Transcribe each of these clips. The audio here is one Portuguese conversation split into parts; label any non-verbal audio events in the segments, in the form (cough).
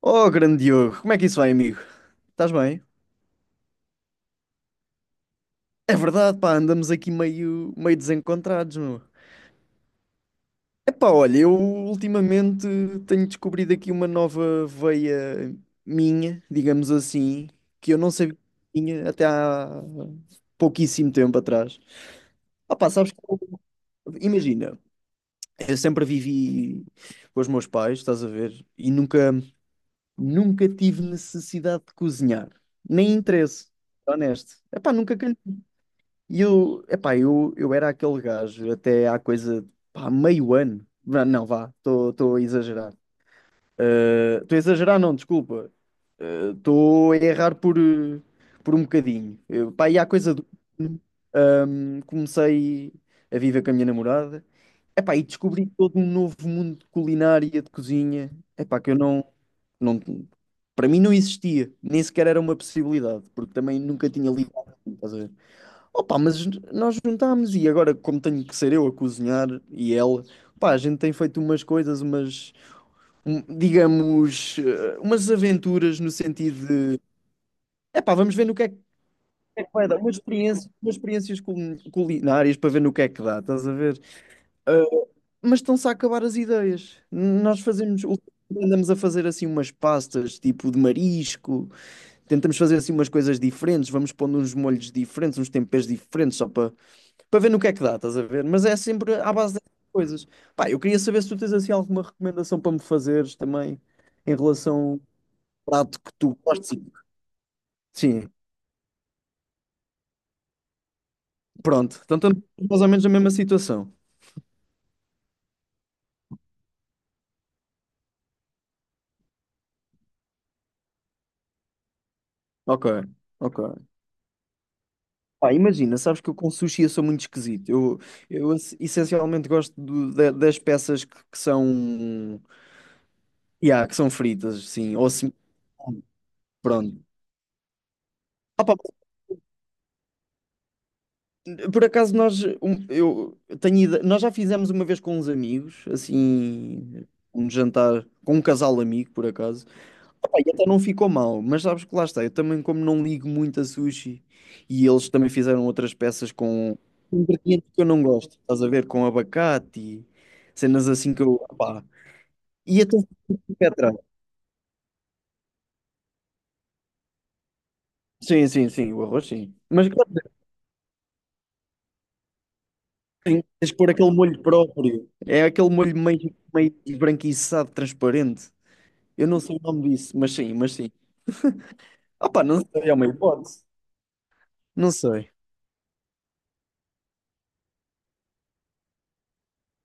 Oh, grande Diogo, como é que isso vai, amigo? Estás bem? É verdade, pá, andamos aqui meio desencontrados, meu. Epá, olha, eu ultimamente tenho descobrido aqui uma nova veia minha, digamos assim, que eu não sabia que tinha até há pouquíssimo tempo atrás. Ah, pá, sabes que imagina, eu sempre vivi com os meus pais, estás a ver, e nunca tive necessidade de cozinhar, nem interesse, honesto. Epá, nunca calhou. E eu, epá, eu era aquele gajo até há coisa, pá, meio ano. Vá, não, vá, estou a exagerar. Estou a exagerar, não, desculpa. Estou a errar por um bocadinho. Eu, pá, e há coisa do. Comecei a viver com a minha namorada. Epá, e descobri todo um novo mundo de culinária, de cozinha. Epá, que eu não, não... Para mim não existia. Nem sequer era uma possibilidade, porque também nunca tinha ligado. Estás a ver? Opa, mas nós juntámos e agora, como tenho que ser eu a cozinhar e ela, pá, a gente tem feito umas coisas, digamos, umas aventuras no sentido de, epá, vamos ver no que é que vai dar, umas experiências, culinárias para ver no que é que dá, estás a ver? Eh, mas estão-se a acabar as ideias. Nós fazemos, andamos a fazer assim umas pastas, tipo de marisco, tentamos fazer assim umas coisas diferentes, vamos pondo uns molhos diferentes, uns temperos diferentes, só para ver no que é que dá, estás a ver? Mas é sempre à base dessas coisas. Pá, eu queria saber se tu tens assim alguma recomendação para me fazeres também em relação ao prato que tu gostes. Sim, pronto. Então estamos mais ou menos na mesma situação. Ok, ok. Pá, imagina, sabes que eu com sushi eu sou muito esquisito. Eu, essencialmente gosto das peças que são, yeah, que são fritas, sim, ou assim, pronto. Por acaso nós, um- eu tenho ide- nós já fizemos uma vez com uns amigos, assim, um jantar com um casal amigo, por acaso. Opa, e até não ficou mal, mas sabes que lá está, eu também como não ligo muito a sushi e eles também fizeram outras peças com ingredientes que eu não gosto, estás a ver, com abacate e cenas assim que eu, opá, e até fiquei com o pé atrás. Sim, sim, sim, o arroz sim. Mas claro, tens de pôr aquele molho próprio. É aquele molho meio esbranquiçado, transparente. Eu não sei o nome disso, mas sim, mas sim. Opa, não sei, é uma hipótese. Não sei.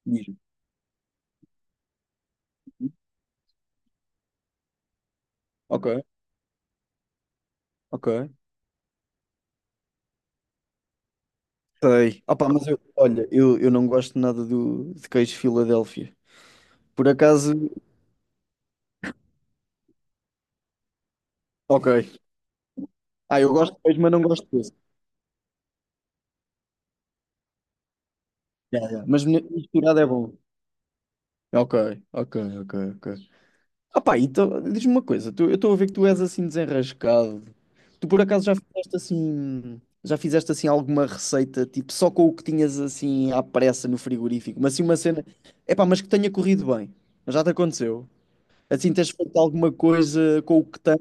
Diz-me. Ok, ok. Sei. Opa, mas eu, olha, eu não gosto nada do, de queijo Filadélfia. Por acaso, ok. Ah, eu gosto de queijo, mas não gosto desse. Já, já. Mas misturado é bom. Ok, ok, ok, ok. Ah pá, então, diz-me uma coisa, eu estou a ver que tu és assim desenrascado. Tu por acaso já fizeste assim alguma receita, tipo, só com o que tinhas assim à pressa no frigorífico, mas assim uma cena, é pá, mas que tenha corrido bem. Já te aconteceu? Assim tens feito alguma coisa com o que tens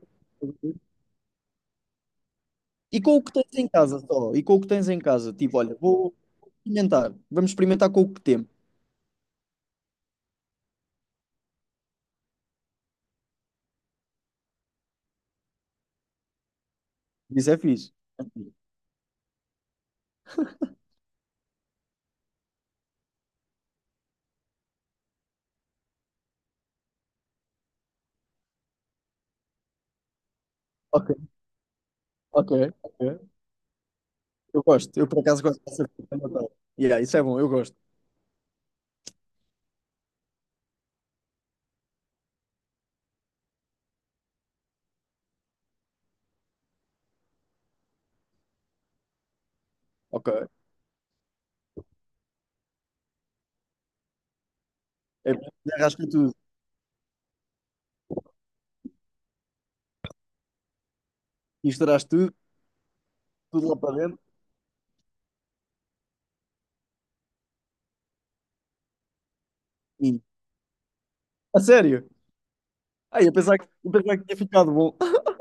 e com o que tens em casa só, e com o que tens em casa, tipo, olha, vamos experimentar com o que temos. Isso é fixe. Ok, ok, ok. Eu gosto, eu por acaso gosto dessa coisa. Yeah, isso é bom, eu gosto. Ok. É, arrasca tudo. Misturaste tudo, tudo lá para dentro. E... A sério? Ai, eu pensava que tinha ficado bom. (laughs)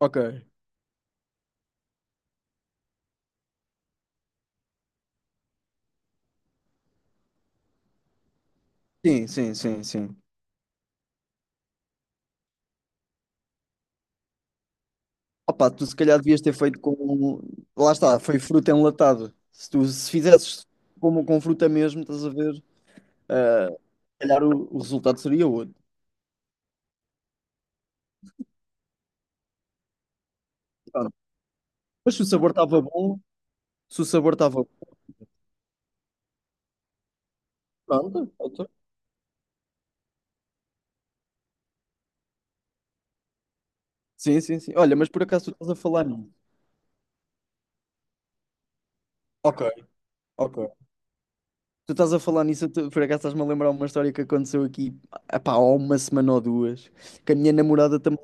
Ok. Sim, sim, sim, sim. Opa, tu se calhar devias ter feito com. Lá está, foi fruta enlatada. Se tu se fizesses como com fruta mesmo, estás a ver? Ah, se calhar o resultado seria outro. Pronto. Mas se o sabor estava bom, se o sabor estava bom. Pronto, ok. Sim, sim, sim. Olha, mas por acaso tu estás a falar nisso. Ok, ok. Tu estás a falar nisso, tu, por acaso estás-me a lembrar uma história que aconteceu aqui, epá, há uma semana ou duas, que a minha namorada também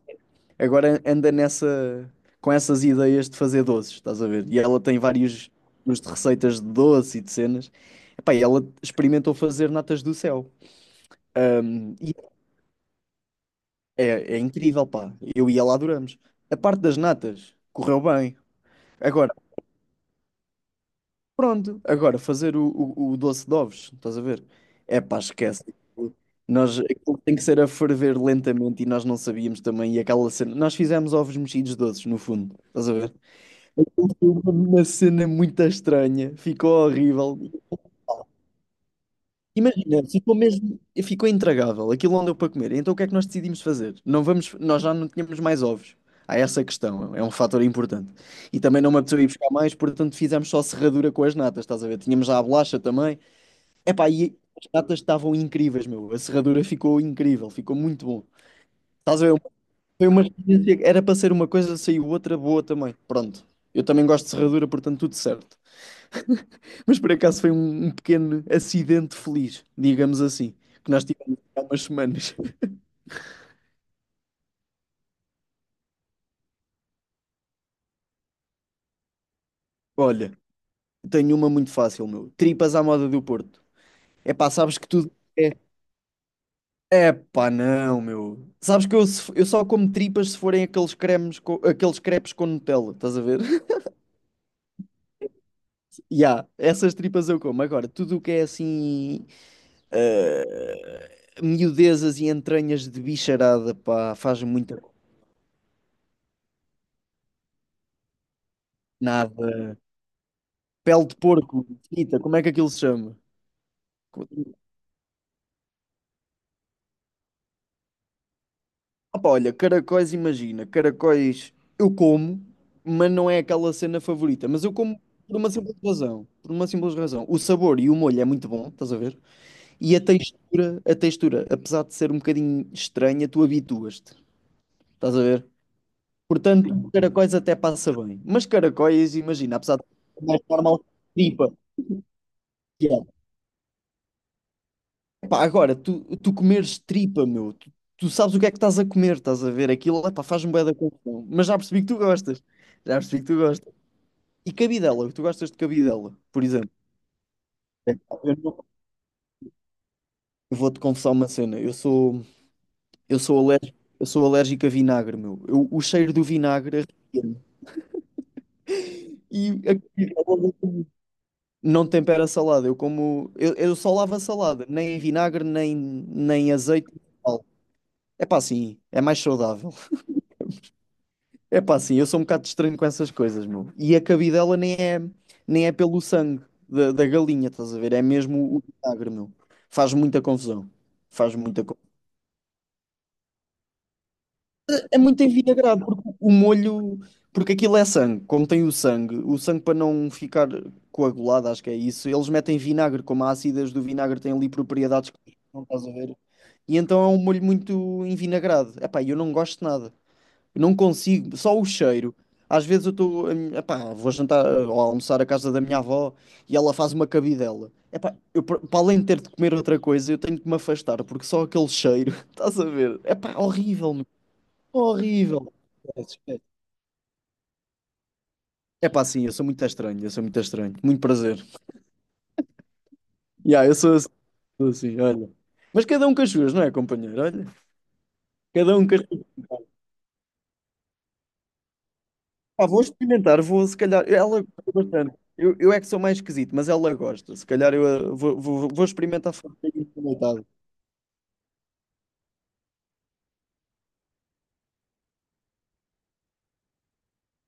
agora anda nessa, com essas ideias de fazer doces, estás a ver? E ela tem vários tipos de receitas de doce e de cenas. Epá, e ela experimentou fazer natas do céu. E é incrível, pá. Eu e ela adoramos. A parte das natas correu bem. Agora, pronto, agora fazer o doce de ovos, estás a ver? É pá, esquece. Nós, aquilo tem que ser a ferver lentamente e nós não sabíamos também. E aquela cena, nós fizemos ovos mexidos doces, no fundo, estás a ver? Foi uma cena muito estranha, ficou horrível. Imagina, ficou mesmo, ficou intragável. Aquilo não deu para comer. Então o que é que nós decidimos fazer? Não vamos, nós já não tínhamos mais ovos. Há essa questão, é um fator importante. E também não me apeteceu ir buscar mais, portanto fizemos só serradura com as natas, estás a ver? Tínhamos já a bolacha também. Epá, e as datas estavam incríveis, meu. A serradura ficou incrível, ficou muito bom. Estás a ver? Foi uma experiência que era para ser uma coisa, saiu outra boa também. Pronto. Eu também gosto de serradura, portanto, tudo certo. (laughs) Mas por acaso foi um, um pequeno acidente feliz, digamos assim, que nós tivemos há umas semanas. (laughs) Olha, tenho uma muito fácil, meu. Tripas à moda do Porto. É. Epá, sabes que tudo. É, Epá, não, meu. Sabes que eu, eu só como tripas se forem aqueles cremes, aqueles crepes com Nutella, estás a ver? Ya, essas tripas eu como. Agora, tudo o que é assim, miudezas e entranhas de bicharada, pá, faz muita nada. Pele de porco, frita, como é que aquilo se chama? Co- Opa, olha, caracóis, imagina, caracóis eu como, mas não é aquela cena favorita. Mas eu como por uma simples razão, por uma simples razão. O sabor e o molho é muito bom, estás a ver? E a textura, apesar de ser um bocadinho estranha, tu habituas-te, estás a ver? Portanto, caracóis até passa bem. Mas caracóis, imagina, apesar de ser mais normal, tripa. Yeah. Epá, agora, tu, tu comeres tripa, meu, tu, tu sabes o que é que estás a comer, estás a ver? Aquilo, epá, faz-me bué da confusão. Mas já percebi que tu gostas. Já percebi que tu gostas. E cabidela, tu gostas de cabidela, por exemplo. Epá, Eu não- eu vou-te confessar uma cena. Eu sou alérgico a vinagre, meu. O cheiro do vinagre arrepia-me. E a cabidela. Não tempera a salada. Eu como. Eu só lavo a salada. Nem em vinagre, nem azeite, nem sal. É pá, sim. É mais saudável. É pá, sim. Eu sou um bocado estranho com essas coisas, meu. E a cabidela nem é, nem é pelo sangue da, da galinha, estás a ver? É mesmo o vinagre, meu. Faz muita confusão. Faz muita confusão. É muito envinagrado, porque o molho. Porque aquilo é sangue. Como tem o sangue para não ficar coagulado, acho que é isso, eles metem vinagre. Como as ácidas do vinagre têm ali propriedades que não estás a ver. E então é um molho muito envinagrado. Epá, eu não gosto de nada. Eu não consigo. Só o cheiro. Às vezes eu estou. Epá, vou jantar ou almoçar à casa da minha avó e ela faz uma cabidela. Epá, eu, para além de ter de comer outra coisa, eu tenho que me afastar, porque só aquele cheiro. (laughs) Estás a ver? Epá, horrível. Horrível. É pá, sim, eu sou muito estranho, eu sou muito estranho. Muito prazer. Yeah, eu sou assim, olha. Mas cada um com as suas, não é, companheiro? Olha, cada um com as suas. Pá, vou experimentar, vou se calhar. Ela gosta bastante. Eu é que sou mais esquisito, mas ela gosta. Se calhar eu vou experimentar fazer experimentado.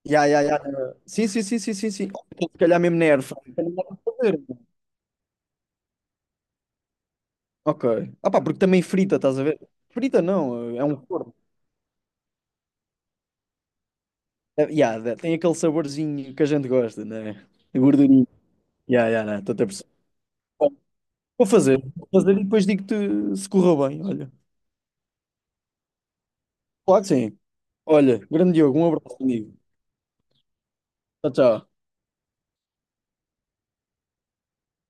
Ya, ya, ya. Sim, sim, sim, sim, sim, sim. Então, se calhar mesmo na airfryer. Também dá para fazer. Ok. Ah pá, porque também frita, estás a ver? Frita não, é um forno. Yeah, tem aquele saborzinho que a gente gosta, né? Gordurinho gordurinha. Yeah, yeah, né? Estou a perceber. Bom, vou fazer, vou fazer e depois digo-te se correu bem. Olha, claro que sim. Olha, grande Diogo, um abraço, amigo. Tchau, tchau.